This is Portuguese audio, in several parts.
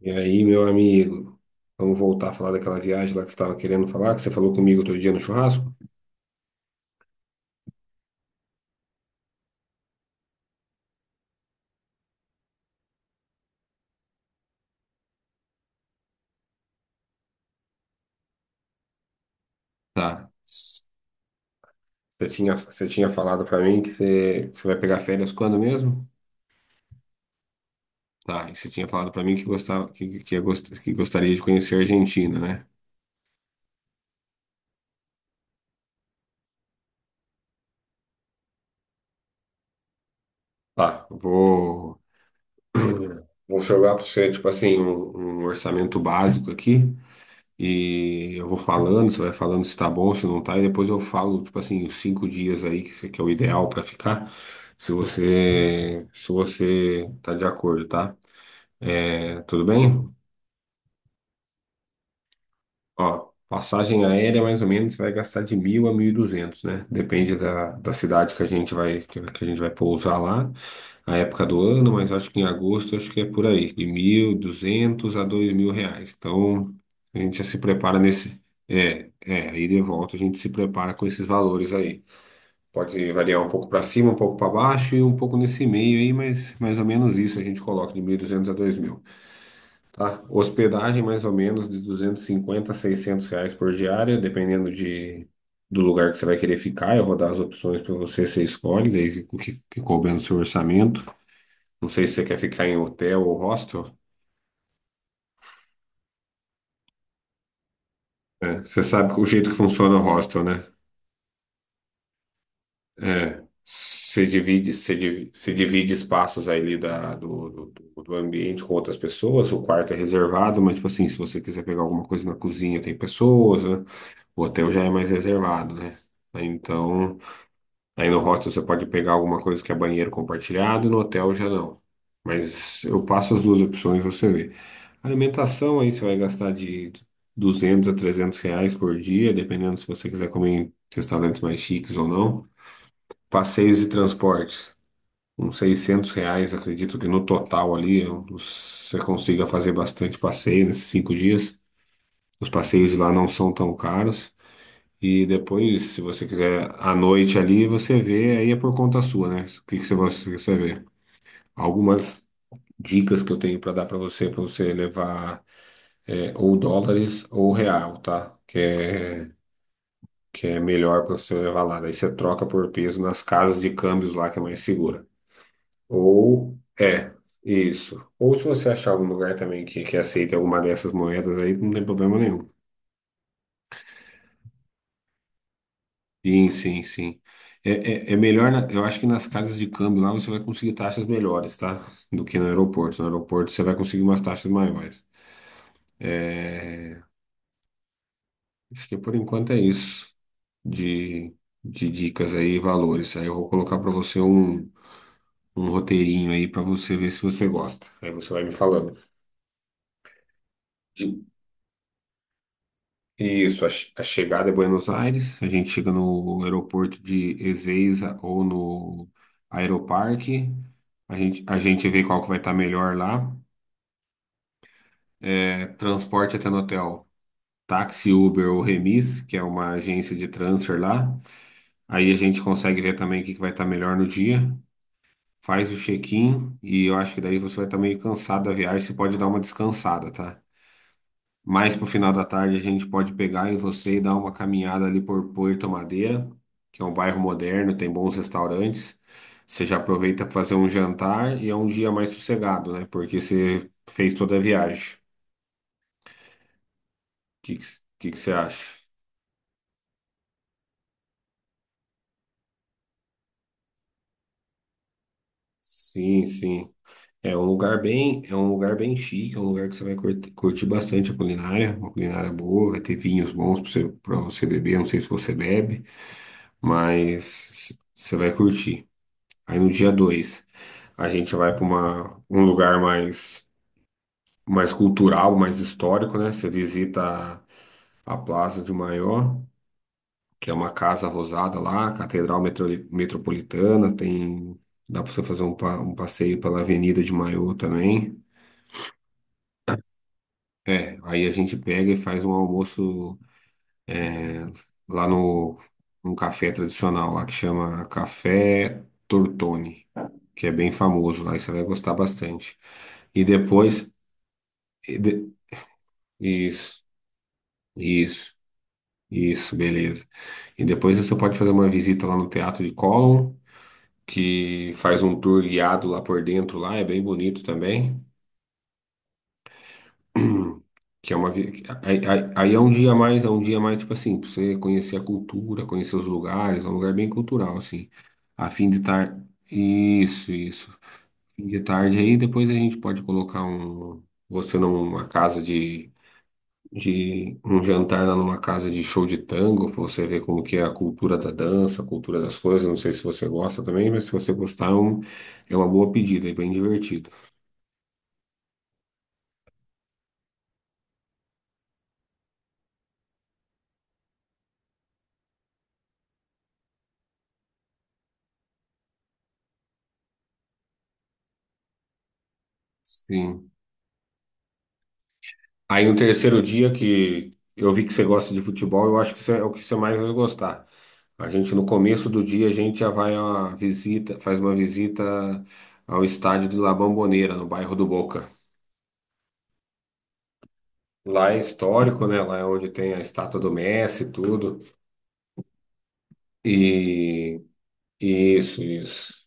E aí, meu amigo, vamos voltar a falar daquela viagem lá que você estava querendo falar, que você falou comigo outro dia no churrasco? Tá. Você tinha falado pra mim que você vai pegar férias quando mesmo? Tá. E você tinha falado pra mim que gostava, que gostaria de conhecer a Argentina, né? Tá. Vou jogar pra você, tipo assim, um orçamento básico aqui. E eu vou falando, você vai falando se tá bom, se não tá, e depois eu falo, tipo assim, os 5 dias aí que você que é o ideal pra ficar, se você tá de acordo, tá? É, tudo bem? Ó, passagem aérea, mais ou menos, você vai gastar de 1.000 a 1.200, né? Depende da cidade que a gente vai, que a gente vai pousar lá, a época do ano, mas eu acho que em agosto, eu acho que é por aí, de 1.200 a 2.000 reais. Então, a gente já se prepara nesse. É, aí de volta a gente se prepara com esses valores aí. Pode variar um pouco para cima, um pouco para baixo e um pouco nesse meio aí, mas mais ou menos isso a gente coloca de 1.200 a 2.000, tá? Hospedagem mais ou menos de 250 a 600 reais por diária, dependendo do lugar que você vai querer ficar. Eu vou dar as opções para você, você escolhe, desde o que, que couber no seu orçamento. Não sei se você quer ficar em hotel ou hostel. Né? Você sabe o jeito que funciona o hostel, né? É, você divide espaços ali da, do, do, do- do ambiente com outras pessoas, o quarto é reservado, mas, tipo assim, se você quiser pegar alguma coisa na cozinha, tem pessoas, né? O hotel já é mais reservado, né? Aí, Então, aí no hostel você pode pegar alguma coisa que é banheiro compartilhado, no hotel já não. Mas eu passo as duas opções, você vê. Alimentação, aí você vai gastar de 200 a 300 reais por dia, dependendo se você quiser comer em restaurantes mais chiques ou não. Passeios e transportes, uns 600 reais, acredito que no total ali você consiga fazer bastante passeio nesses 5 dias. Os passeios de lá não são tão caros. E depois, se você quiser à noite ali, você vê, aí é por conta sua, né? O que que você vê? Algumas dicas que eu tenho para dar para você levar ou dólares ou real, tá? Que é melhor para você levar lá. Daí você troca por peso nas casas de câmbios lá, que é mais segura. Ou é, isso. Ou se você achar algum lugar também que aceite alguma dessas moedas aí, não tem problema nenhum. Sim, sim, sim. É, é melhor, eu acho que nas casas de câmbio lá você vai conseguir taxas melhores, tá? Do que no aeroporto. No aeroporto você vai conseguir umas taxas maiores. É, acho que por enquanto é isso de, de dicas aí e valores. Aí eu vou colocar para você um roteirinho aí para você ver se você gosta. Aí você vai me falando. Isso, a chegada é Buenos Aires, a gente chega no aeroporto de Ezeiza ou no Aeroparque, a gente vê qual que vai estar melhor lá. É, transporte até no hotel, táxi, Uber ou Remis, que é uma agência de transfer lá. Aí a gente consegue ver também o que que vai estar melhor no dia, faz o check-in e eu acho que daí você vai estar meio cansado da viagem, você pode dar uma descansada, tá? Mais pro final da tarde a gente pode pegar em você e dar uma caminhada ali por Puerto Madeira, que é um bairro moderno, tem bons restaurantes. Você já aproveita para fazer um jantar e é um dia mais sossegado, né? Porque você fez toda a viagem. O que que, que que você acha? Sim, sim. É um lugar bem, é um lugar bem chique, é um lugar que você vai curtir, bastante a culinária, uma culinária boa, vai ter vinhos bons para você beber, eu não sei se você bebe, mas você vai curtir. Aí no dia 2 a gente vai para uma um lugar mais cultural, mais histórico, né? Você visita a Plaza de Maior, que é uma casa rosada lá, Metropolitana, tem dá para você fazer um passeio pela Avenida de Maior também. É, aí a gente pega e faz um almoço lá no um café tradicional lá que chama Café Tortoni, que é bem famoso lá, e você vai gostar bastante. E depois Isso, isso, isso, beleza. E depois você pode fazer uma visita lá no Teatro de Colón, que faz um tour guiado lá por dentro, lá é bem bonito também. Que é uma vi- aí, aí- aí é um dia a mais, é um dia a mais tipo assim, pra você conhecer a cultura, conhecer os lugares, é um lugar bem cultural assim. A fim de tarde, isso, isso. Fim de tarde aí, depois a gente pode colocar você numa casa de um jantar lá numa casa de show de tango, pra você ver como que é a cultura da dança, a cultura das coisas. Não sei se você gosta também, mas se você gostar, é é uma boa pedida, é bem divertido. Sim. Aí no terceiro dia que eu vi que você gosta de futebol, eu acho que isso é o que você mais vai gostar. A gente no começo do dia a gente já vai a uma visita, faz uma visita ao estádio de La Bombonera, no bairro do Boca. Lá é histórico, né? Lá é onde tem a estátua do Messi e tudo. E Isso, isso.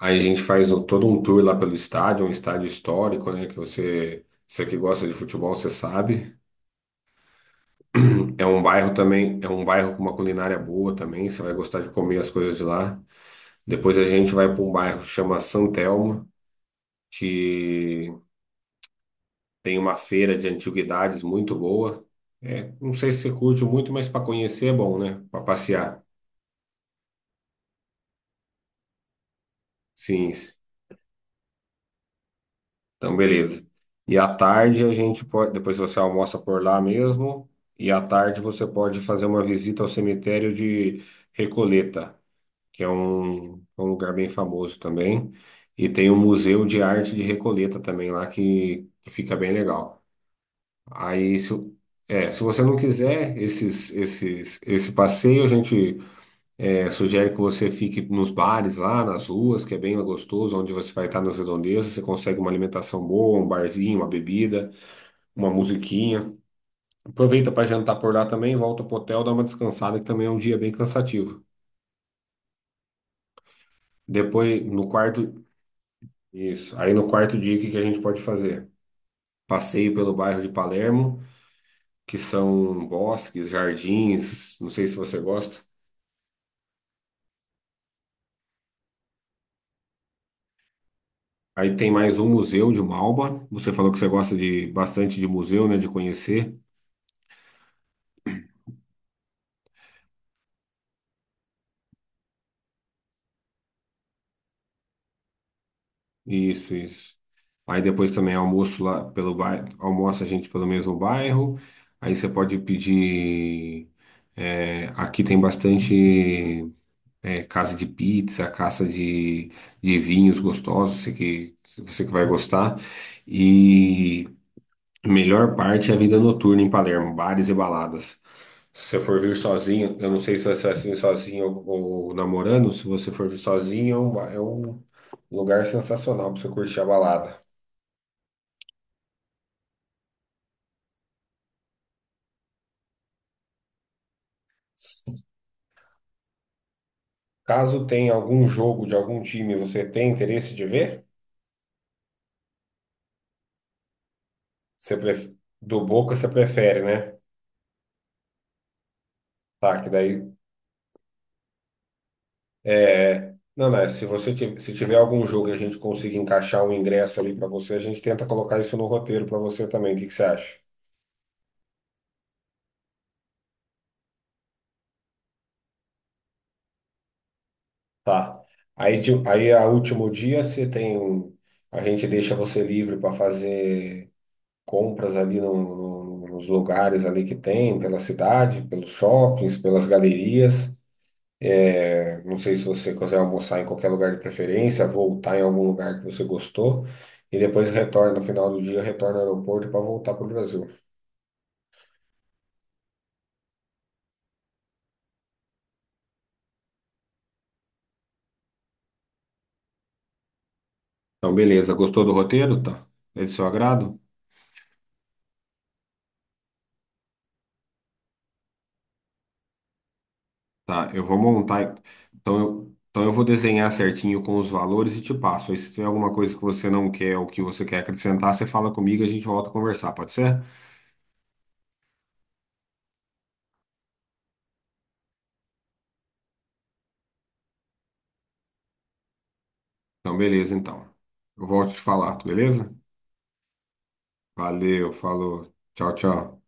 Aí a gente todo um tour lá pelo estádio, um estádio histórico, né? Que você que gosta de futebol, você sabe. É um bairro também, é um bairro com uma culinária boa também, você vai gostar de comer as coisas de lá. Depois a gente vai para um bairro que chama San Telmo, que tem uma feira de antiguidades muito boa. É, não sei se você curte muito, mas para conhecer é bom, né? Para passear. Sim. Então, beleza. E à tarde a gente pode, depois você almoça por lá mesmo, e à tarde você pode fazer uma visita ao cemitério de Recoleta, que é é um lugar bem famoso também, e tem o Museu de Arte de Recoleta também lá que fica bem legal. Aí, se você não quiser esse passeio, a gente sugere que você fique nos bares lá, nas ruas, que é bem gostoso, onde você vai estar nas redondezas. Você consegue uma alimentação boa, um barzinho, uma bebida, uma musiquinha. Aproveita para jantar por lá também, volta pro hotel, dá uma descansada, que também é um dia bem cansativo. Depois, no quarto, isso. Aí no quarto dia, o que que a gente pode fazer? Passeio pelo bairro de Palermo, que são bosques, jardins, não sei se você gosta. Aí tem mais um museu de Malba. Você falou que você gosta de bastante de museu, né, de conhecer. Isso, isso. Aí depois também almoço lá pelo bairro, almoça a gente pelo mesmo bairro. Aí você pode pedir. Aqui tem bastante casa de pizza, casa de vinhos gostosos, você que vai gostar. E Melhor parte é a vida noturna em Palermo, bares e baladas. Se você for vir sozinho, eu não sei se vai ser assim sozinho ou namorando, se você for vir sozinho, é é um lugar sensacional para você curtir a balada. Caso tenha algum jogo de algum time, você tem interesse de ver? Você pref- Do Boca você prefere, né? Tá, que daí. Não, não, se você se tiver algum jogo e a gente conseguir encaixar um ingresso ali para você, a gente tenta colocar isso no roteiro para você também. O que que você acha? Tá. Aí a último dia você tem. A gente deixa você livre para fazer compras ali nos lugares ali que tem, pela cidade, pelos shoppings, pelas galerias. Não sei se você quiser almoçar em qualquer lugar de preferência, voltar em algum lugar que você gostou, e depois retorna no final do dia, retorna ao aeroporto para voltar para o Brasil. Então, beleza. Gostou do roteiro? Tá. É de seu agrado? Tá, eu vou montar. Então eu vou desenhar certinho com os valores e te passo. Aí se tiver alguma coisa que você não quer ou que você quer acrescentar, você fala comigo e a gente volta a conversar, pode ser? Então, beleza, então. Eu volto a te falar, beleza? Valeu, falou. Tchau, tchau.